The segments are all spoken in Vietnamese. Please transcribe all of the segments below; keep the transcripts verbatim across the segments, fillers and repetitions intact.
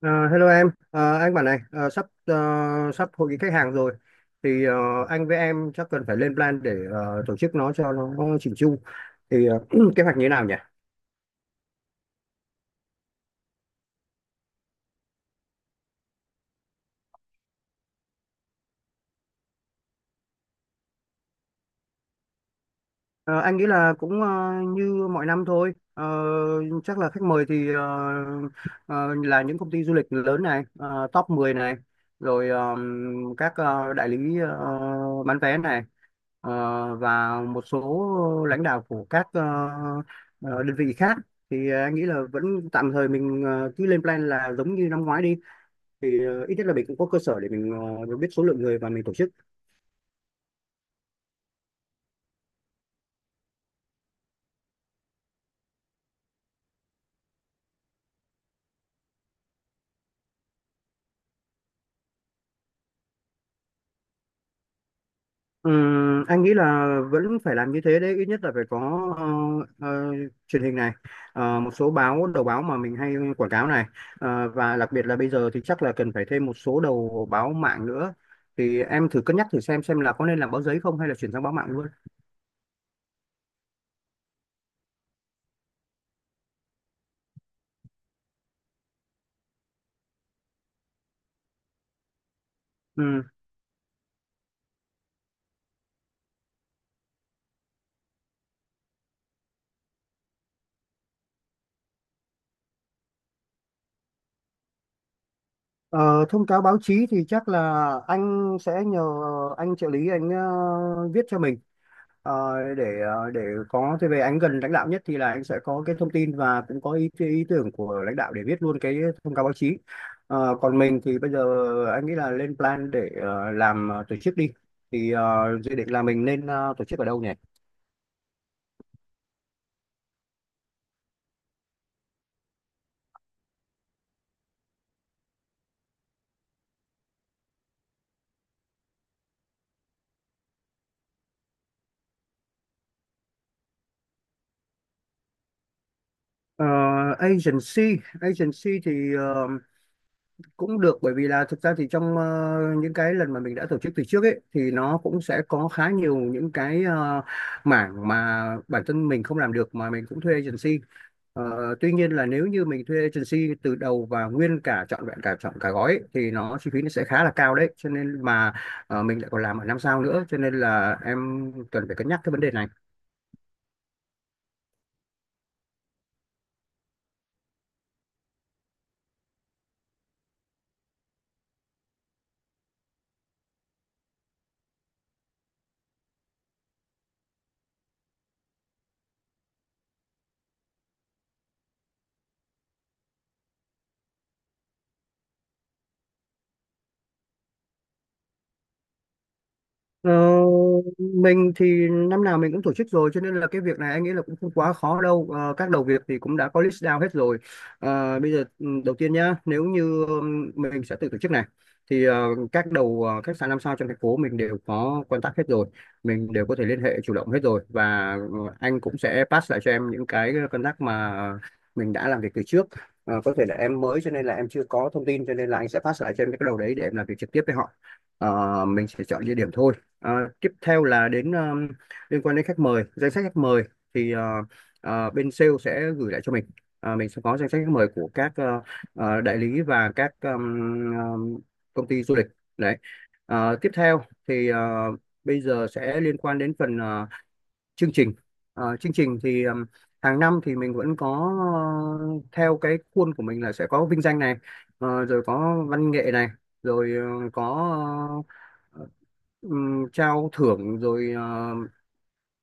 Ờ, Hello em. Ờ, anh bảo này, ờ, sắp ờ, sắp hội nghị khách hàng rồi. Thì ờ, anh với em chắc cần phải lên plan để ờ, tổ chức nó cho nó chỉnh chu. Thì ờ, kế hoạch như thế nào nhỉ? Ờ, anh nghĩ là cũng ờ, như mọi năm thôi. Ờ, Chắc là khách mời thì ờ, ờ, là những công ty du lịch lớn này, ờ, top mười này, rồi ờ, các ờ, đại lý ờ, bán vé này, ờ, và một số lãnh đạo của các ờ, ờ, đơn vị khác. Thì ờ, anh nghĩ là vẫn tạm thời mình ờ, cứ lên plan là giống như năm ngoái đi. Thì ờ, ít nhất là mình cũng có cơ sở để mình ờ, biết số lượng người và mình tổ chức. Ừm, anh nghĩ là vẫn phải làm như thế đấy, ít nhất là phải có ờ, ờ, truyền hình này, ờ, một số báo đầu báo mà mình hay quảng cáo này. Ờ, và đặc biệt là bây giờ thì chắc là cần phải thêm một số đầu báo mạng nữa, thì em thử cân nhắc thử xem xem là có nên làm báo giấy không hay là chuyển sang báo mạng luôn. Ừm. Ờ, Thông cáo báo chí thì chắc là anh sẽ nhờ anh trợ lý anh ờ, viết cho mình. Ờ, để ờ, để có thế về anh gần lãnh đạo nhất thì là anh sẽ có cái thông tin và cũng có ý, ý tưởng của lãnh đạo để viết luôn cái thông cáo báo chí. Ờ, còn mình thì bây giờ anh nghĩ là lên plan để ờ, làm ờ, tổ chức đi. Thì ờ, dự định là mình nên ờ, tổ chức ở đâu nhỉ? Ờ, agency agency thì ờ, cũng được, bởi vì là thực ra thì trong ờ, những cái lần mà mình đã tổ chức từ trước ấy thì nó cũng sẽ có khá nhiều những cái ờ, mảng mà bản thân mình không làm được mà mình cũng thuê agency. Ờ, tuy nhiên là nếu như mình thuê agency từ đầu và nguyên cả trọn vẹn cả chọn cả gói ấy, thì nó chi phí nó sẽ khá là cao đấy, cho nên mà ờ, mình lại còn làm ở năm sao nữa, cho nên là em cần phải cân nhắc cái vấn đề này. Ờ, mình thì năm nào mình cũng tổ chức rồi, cho nên là cái việc này anh nghĩ là cũng không quá khó đâu. Ờ, các đầu việc thì cũng đã có list down hết rồi. Ờ, bây giờ ừ, đầu tiên nhá, nếu như ừm, mình sẽ tự tổ chức này thì ờ, các đầu ờ, khách sạn năm sao trong thành phố mình đều có contact hết rồi, mình đều có thể liên hệ chủ động hết rồi và ờ, anh cũng sẽ pass lại cho em những cái contact mà mình đã làm việc từ trước. Ờ, có thể là em mới cho nên là em chưa có thông tin, cho nên là anh sẽ pass lại cho em cái đầu đấy để em làm việc trực tiếp với họ. Ờ, mình sẽ chọn địa điểm thôi. Ờ, Tiếp theo là đến ờ, liên quan đến khách mời, danh sách khách mời thì ờ, ờ, bên sale sẽ gửi lại cho mình. Ờ, mình sẽ có danh sách khách mời của các ờ, ờ, đại lý và các ờm, ờm, công ty du lịch. Đấy. Ờ, tiếp theo thì ờ, bây giờ sẽ liên quan đến phần ờ, chương trình. Ờ, chương trình thì ừm, hàng năm thì mình vẫn có ờ, theo cái khuôn của mình là sẽ có vinh danh này, ờ, rồi có văn nghệ này, rồi ờ, có ờ, ừm, trao thưởng, rồi ờ,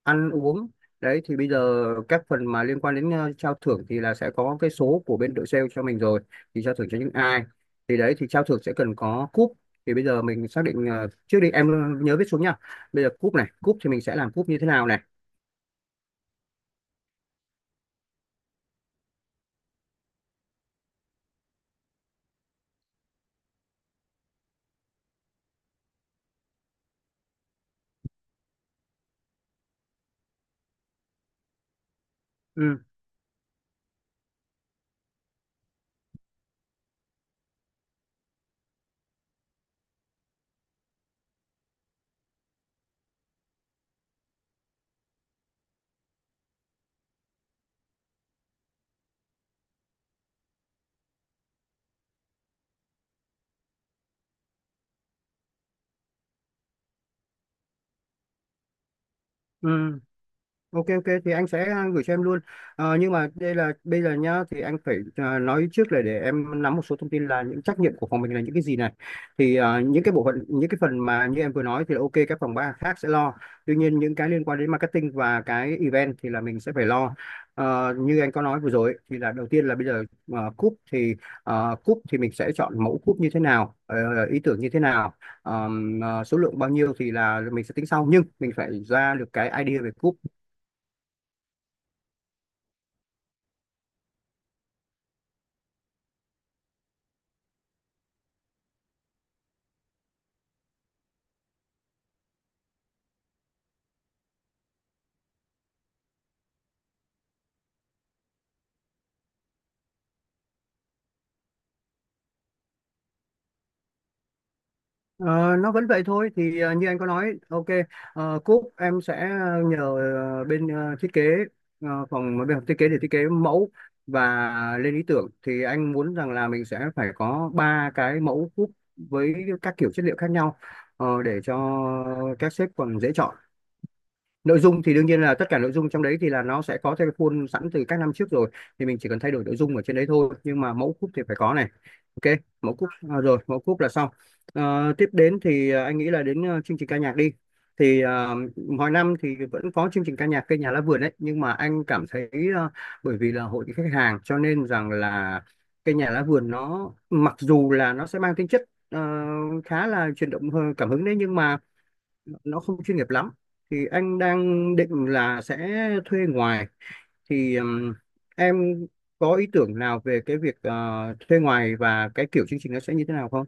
ăn uống. Đấy thì bây giờ các phần mà liên quan đến ờ, trao thưởng thì là sẽ có cái số của bên đội sale cho mình rồi, thì trao thưởng cho những ai. Thì đấy, thì trao thưởng sẽ cần có cúp, thì bây giờ mình xác định ờ, trước đi em, nhớ viết xuống nha. Bây giờ cúp này, cúp thì mình sẽ làm cúp như thế nào này? Ừ. Ừ. Ok, ok thì anh sẽ à, gửi cho em luôn. Ờ, nhưng mà đây là bây giờ nhá, thì anh phải à, nói trước là để em nắm một số thông tin là những trách nhiệm của phòng mình là những cái gì này. Thì à, những cái bộ phận, những cái phần mà như em vừa nói thì là ok, các phòng ban khác sẽ lo. Tuy nhiên những cái liên quan đến marketing và cái event thì là mình sẽ phải lo. Ờ, như anh có nói vừa rồi ấy, thì là đầu tiên là bây giờ, ờ, cúp thì ờ, cúp thì mình sẽ chọn mẫu cúp như thế nào, ờ, ý tưởng như thế nào, ờm, ờ, số lượng bao nhiêu thì là mình sẽ tính sau, nhưng mình phải ra được cái idea về cúp. Ờ, nó vẫn vậy thôi thì ờ, như anh có nói, ok. Ờ, cúp em sẽ ờ, nhờ ờ, bên ờ, thiết kế ờ, phòng ờ, bên phòng thiết kế để thiết kế mẫu và lên ý tưởng, thì anh muốn rằng là mình sẽ phải có ba cái mẫu cúp với các kiểu chất liệu khác nhau, ờ, để cho các sếp còn dễ chọn. Nội dung thì đương nhiên là tất cả nội dung trong đấy thì là nó sẽ có theo cái khuôn sẵn từ các năm trước rồi, thì mình chỉ cần thay đổi nội dung ở trên đấy thôi, nhưng mà mẫu cúp thì phải có này. Ok, mẫu cúp à, rồi mẫu cúp là xong. Ờ, tiếp đến thì à, anh nghĩ là đến ờ, chương trình ca nhạc đi. Thì à, mỗi năm thì vẫn có chương trình ca nhạc cây nhà lá vườn đấy, nhưng mà anh cảm thấy ờ, bởi vì là hội khách hàng cho nên rằng là cây nhà lá vườn nó mặc dù là nó sẽ mang tính chất ờ, khá là chuyển động ờ, cảm hứng đấy, nhưng mà nó không chuyên nghiệp lắm. Thì anh đang định là sẽ thuê ngoài. Thì ừm, em có ý tưởng nào về cái việc ờ, thuê ngoài và cái kiểu chương trình nó sẽ như thế nào không?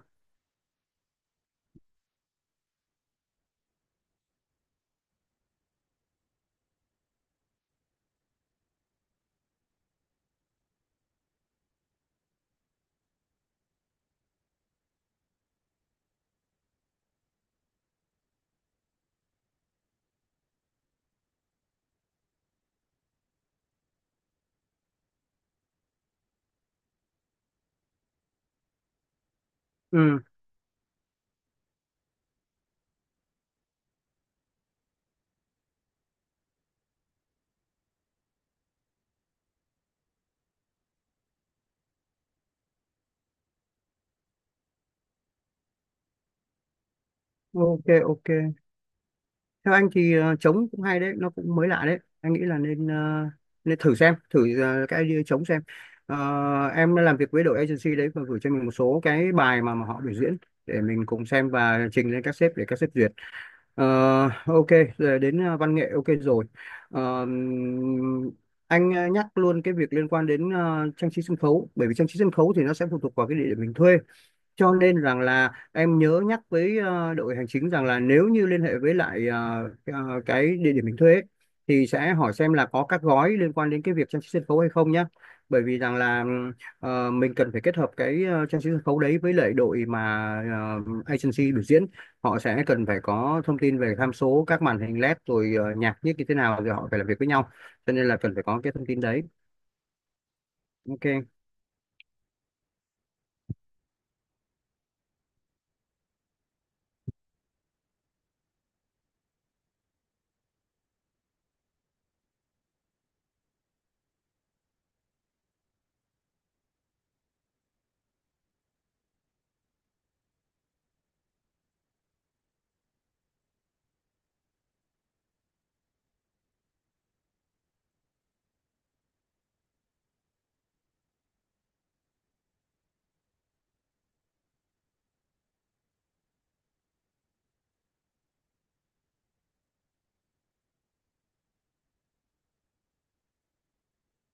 Ừ, ok, ok. Theo anh thì ờ, trống cũng hay đấy, nó cũng mới lạ đấy. Anh nghĩ là nên ờ, nên thử xem, thử ờ, cái idea trống xem. Ờ, em đã làm việc với đội agency đấy và gửi cho mình một số cái bài mà, mà họ biểu diễn để mình cùng xem và trình lên các sếp để các sếp duyệt. Ờ, ok, giờ đến ờ, văn nghệ ok rồi. Ờ, anh ờ, nhắc luôn cái việc liên quan đến ờ, trang trí sân khấu, bởi vì trang trí sân khấu thì nó sẽ phụ thuộc vào cái địa điểm mình thuê, cho nên rằng là em nhớ nhắc với ờ, đội hành chính rằng là nếu như liên hệ với lại ờ, ờ, cái địa điểm mình thuê ấy, thì sẽ hỏi xem là có các gói liên quan đến cái việc trang trí sân khấu hay không nhé. Bởi vì rằng là ừm, ờ, mình cần phải kết hợp cái ờ, trang trí sân khấu đấy với lại đội mà ờ, agency biểu diễn, họ sẽ cần phải có thông tin về tham số các màn hình L E D rồi ờ, nhạc nhiếc như thế nào rồi họ phải làm việc với nhau, cho nên là cần phải có cái thông tin đấy, ok.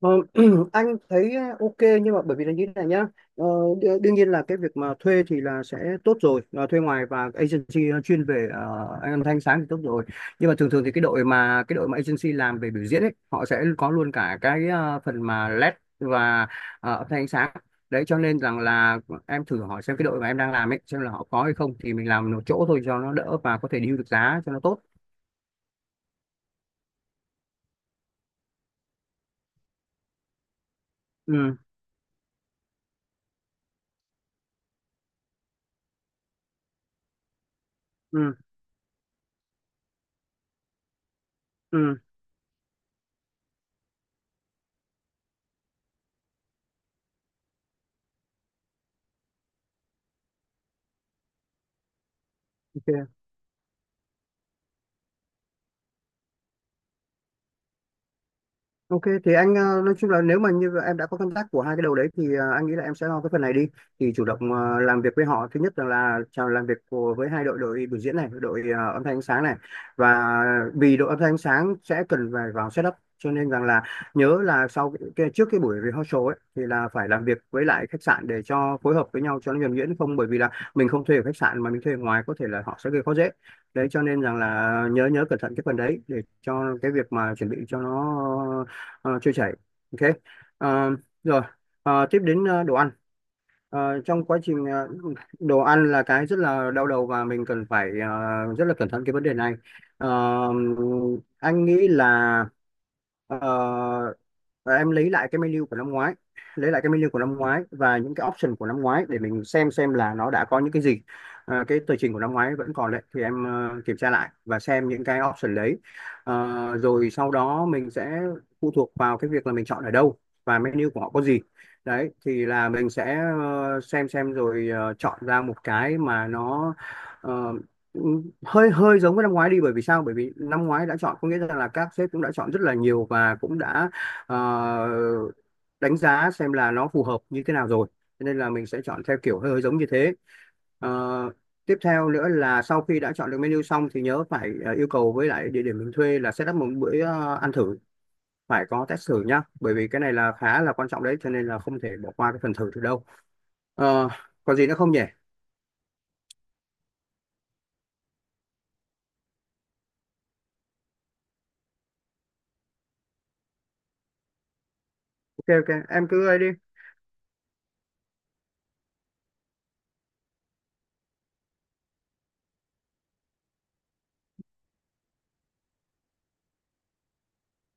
Ờ, anh thấy ờ, ok, nhưng mà bởi vì là như thế này nhá. ờ, đ- Đương nhiên là cái việc mà thuê thì là sẽ tốt rồi, ờ, thuê ngoài và agency ờ, chuyên về uh, âm thanh sáng thì tốt rồi. Nhưng mà thường thường thì cái đội mà cái đội mà agency làm về biểu diễn ấy, họ sẽ có luôn cả cái ờ, phần mà L E D và ờ, âm thanh ánh sáng đấy, cho nên rằng là em thử hỏi xem cái đội mà em đang làm ấy xem là họ có hay không, thì mình làm một chỗ thôi cho nó đỡ và có thể deal được giá cho nó tốt. Ừ, ừ, ừ, ok. Ok, thì anh ờ, nói chung là nếu mà như em đã có contact của hai cái đầu đấy thì ờ, anh nghĩ là em sẽ lo cái phần này đi, thì chủ động ờ, làm việc với họ. Thứ nhất rằng là chào làm việc của, với hai đội, đội biểu diễn này, đội ờ, âm thanh ánh sáng này, và vì đội âm thanh ánh sáng sẽ cần phải vào setup, cho nên rằng là nhớ là sau cái, cái- trước cái buổi rehearsal ấy thì là phải làm việc với lại khách sạn để cho phối hợp với nhau cho nó nhuần nhuyễn, không bởi vì là mình không thuê ở khách sạn mà mình thuê ở ngoài có thể là họ sẽ gây khó dễ đấy, cho nên rằng là nhớ nhớ cẩn thận cái phần đấy để cho cái việc mà chuẩn bị cho nó ờ, trôi chảy, ok. Ờ, Rồi. Ờ, tiếp đến ờ, đồ ăn. Ờ, trong quá trình ờ, Đồ ăn là cái rất là đau đầu và mình cần phải ờ, rất là cẩn thận cái vấn đề này. Ờ, anh nghĩ là ờ, và em lấy lại cái menu của năm ngoái, lấy lại cái menu của năm ngoái và những cái option của năm ngoái để mình xem xem là nó đã có những cái gì. À, cái tờ trình của năm ngoái vẫn còn đấy, thì em ờ, kiểm tra lại và xem những cái option đấy. Ờ, rồi sau đó mình sẽ phụ thuộc vào cái việc là mình chọn ở đâu và menu của họ có gì. Đấy thì là mình sẽ ờ, xem xem rồi ờ, chọn ra một cái mà nó ờ, hơi hơi giống với năm ngoái đi. Bởi vì sao? Bởi vì năm ngoái đã chọn có nghĩa là các sếp cũng đã chọn rất là nhiều và cũng đã ờ, đánh giá xem là nó phù hợp như thế nào rồi, cho nên là mình sẽ chọn theo kiểu hơi, hơi giống như thế. Ờ, Tiếp theo nữa là sau khi đã chọn được menu xong thì nhớ phải ờ, yêu cầu với lại địa điểm mình thuê là set up một bữa ờ, ăn thử. Phải có test thử nhá, bởi vì cái này là khá là quan trọng đấy, cho nên là không thể bỏ qua cái phần thử được đâu. Ờ, Còn gì nữa không nhỉ? Ok, ok, em cứ ấy đi.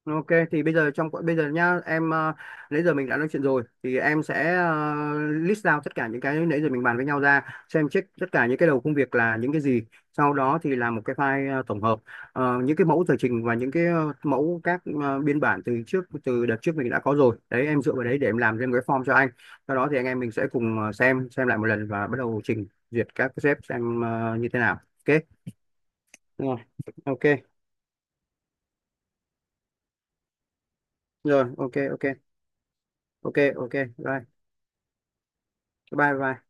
Ok, thì bây giờ trong bây giờ nhá em, ờ, nãy giờ mình đã nói chuyện rồi thì em sẽ ờ, list out tất cả những cái nãy giờ mình bàn với nhau ra, xem check tất cả những cái đầu công việc là những cái gì, sau đó thì làm một cái file ờ, tổng hợp. Ờ, những cái mẫu tờ trình và những cái ờ, mẫu các ờ, biên bản từ trước từ đợt trước mình đã có rồi đấy, em dựa vào đấy để em làm thêm một cái form cho anh, sau đó thì anh em mình sẽ cùng ờ, xem xem lại một lần và bắt đầu trình duyệt các cái sếp xem ờ, như thế nào. Ok. Đúng rồi. Ok rồi, ok, ok, ok, ok, bye, bye, bye.